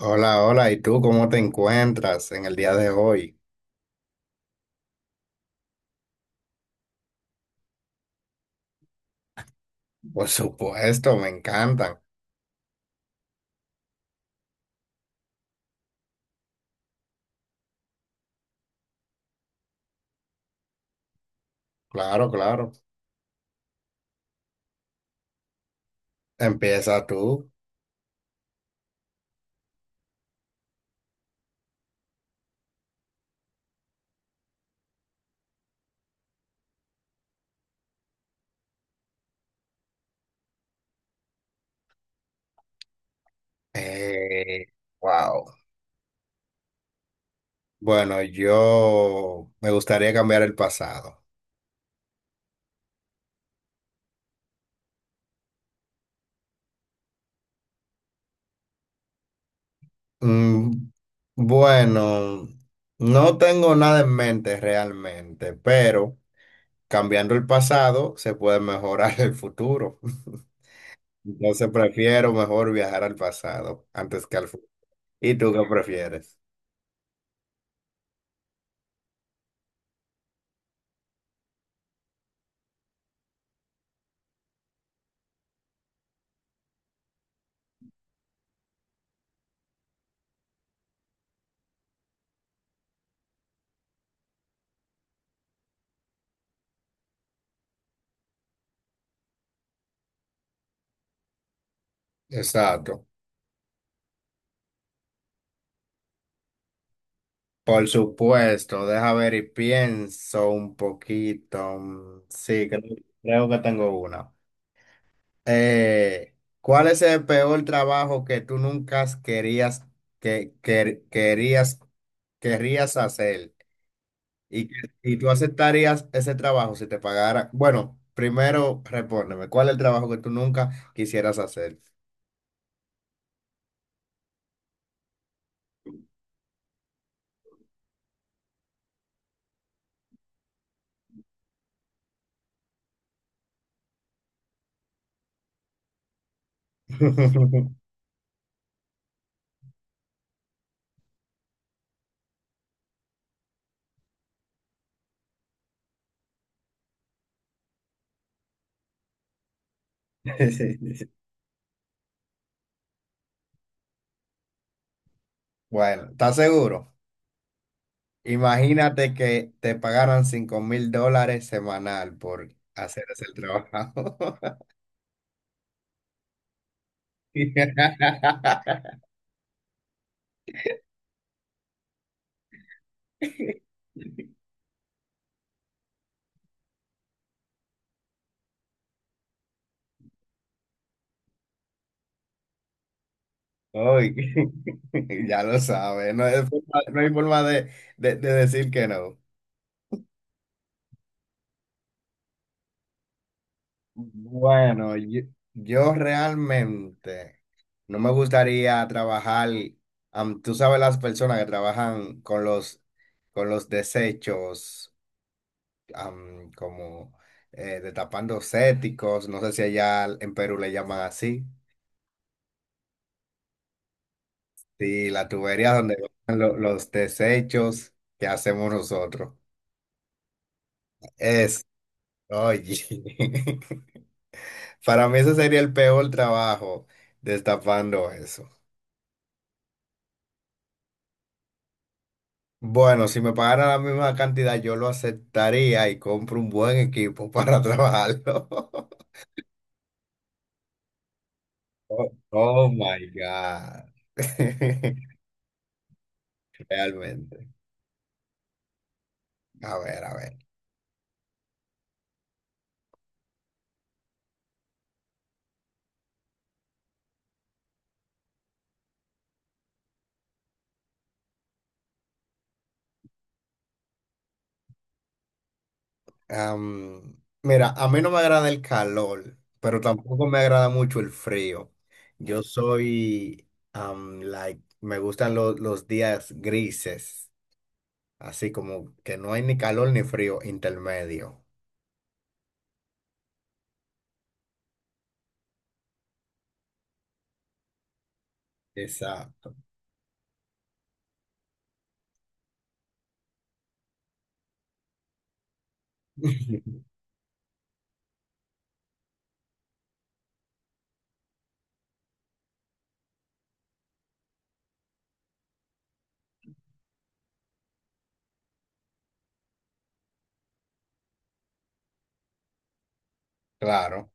Hola, hola, ¿y tú cómo te encuentras en el día de hoy? Por supuesto, me encantan. Claro, claro. Empieza tú. Eh, wow. Bueno, yo me gustaría cambiar el pasado. Mm, bueno, no tengo nada en mente realmente, pero cambiando el pasado se puede mejorar el futuro. Entonces prefiero mejor viajar al pasado antes que al futuro. ¿Y tú qué prefieres? Exacto. Por supuesto, deja ver y pienso un poquito. Sí, creo, creo que tengo una. Eh, ¿Cuál es el peor trabajo que tú nunca querías, que, que- querías, querrías hacer? ¿Y, y tú aceptarías ese trabajo si te pagara? Bueno, primero respóndeme, ¿cuál es el trabajo que tú nunca quisieras hacer? Bueno, ¿estás seguro? Imagínate que te pagaran $5,000 semanal por hacer ese trabajo. Uy, ya lo sabes, no, hay forma no hay forma de, de decir que no. Bueno, yo realmente no me gustaría trabajar, tú sabes las personas que trabajan con los desechos. Como destapando céticos, no sé si allá en Perú le llaman así, y la tubería donde van los desechos que hacemos nosotros. Es, Oye, para mí ese sería el peor trabajo, destapando eso. Bueno, si me pagaran la misma cantidad, yo lo aceptaría y compro un buen equipo para trabajarlo. Oh, oh my God. Realmente. A ver, a ver. Am, Mira, a mí no me agrada el calor, pero tampoco me agrada mucho el frío. Yo me gustan los días grises, así como que no hay ni calor ni frío intermedio. Exacto. Claro.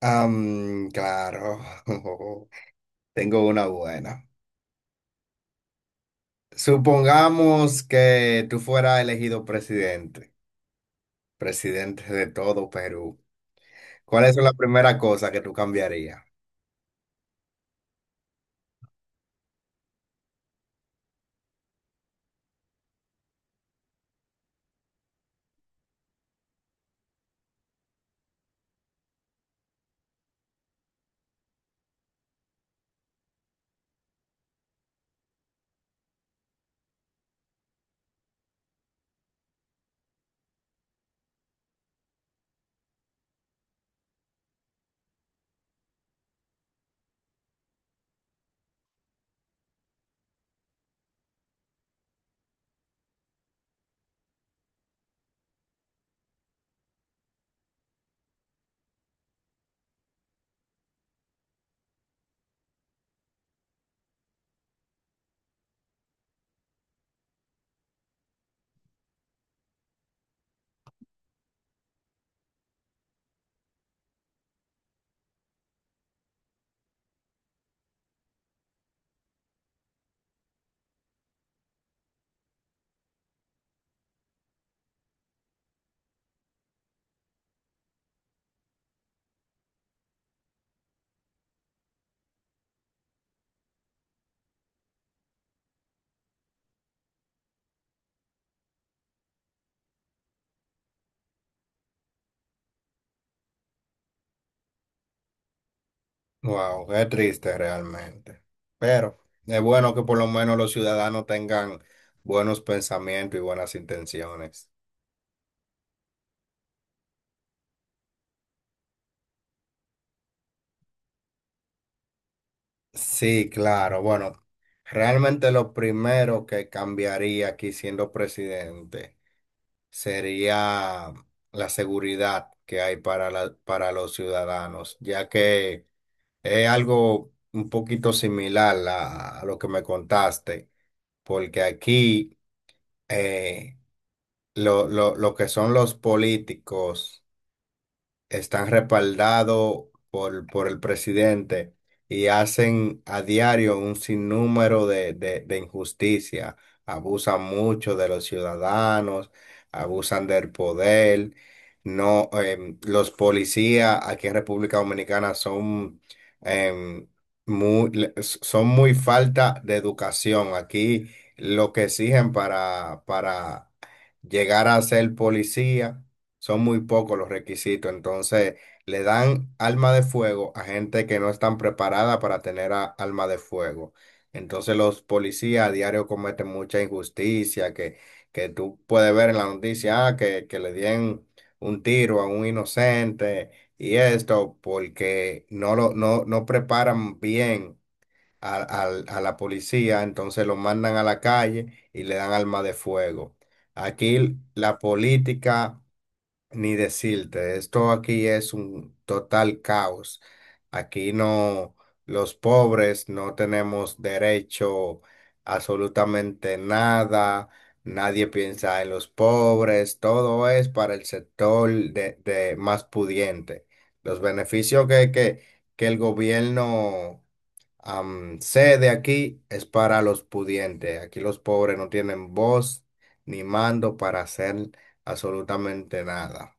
Claro. Tengo una buena. Supongamos que tú fueras elegido presidente, presidente de todo Perú. ¿Cuál es la primera cosa que tú cambiarías? Wow, qué triste realmente. Pero es bueno que por lo menos los ciudadanos tengan buenos pensamientos y buenas intenciones. Sí, claro. Bueno, realmente lo primero que cambiaría aquí siendo presidente sería la seguridad que hay para para los ciudadanos, ya que es algo un poquito similar a lo que me contaste, porque aquí eh, lo que son los políticos están respaldados por el presidente y hacen a diario un sinnúmero de, de injusticias. Abusan mucho de los ciudadanos, abusan del poder. No, los policías aquí en República Dominicana son, em, son muy falta de educación. Aquí lo que exigen para llegar a ser policía son muy pocos los requisitos, entonces le dan alma de fuego a gente que no están preparada para tener alma de fuego. Entonces los policías a diario cometen mucha injusticia que tú puedes ver en la noticia, ah, que le dieron un tiro a un inocente y esto porque no, no preparan bien a, a la policía, entonces lo mandan a la calle y le dan alma de fuego. Aquí la política ni decirte, esto aquí es un total caos. Aquí no, los pobres no tenemos derecho a absolutamente nada. Nadie piensa en los pobres. Todo es para el sector de más pudiente. Los beneficios que, que el gobierno cede aquí es para los pudientes. Aquí los pobres no tienen voz ni mando para hacer absolutamente nada.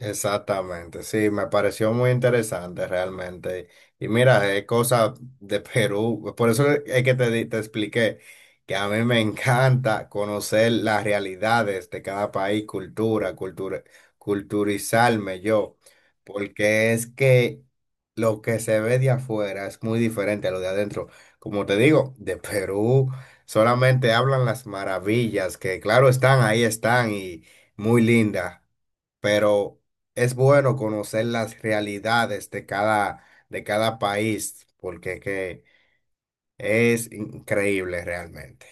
Exactamente, sí, me pareció muy interesante realmente. Y mira, es cosa de Perú, por eso es que te expliqué que a mí me encanta conocer las realidades de cada país, culturizarme yo, porque es que lo que se ve de afuera es muy diferente a lo de adentro. Como te digo, de Perú solamente hablan las maravillas, que claro están, ahí están y muy lindas pero es bueno conocer las realidades de cada país, porque que es increíble realmente.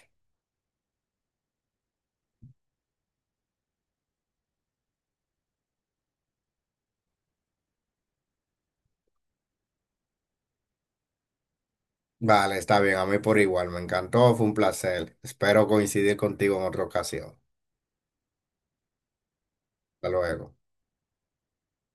Vale, está bien, a mí por igual, me encantó, fue un placer. Espero coincidir contigo en otra ocasión. Hasta luego.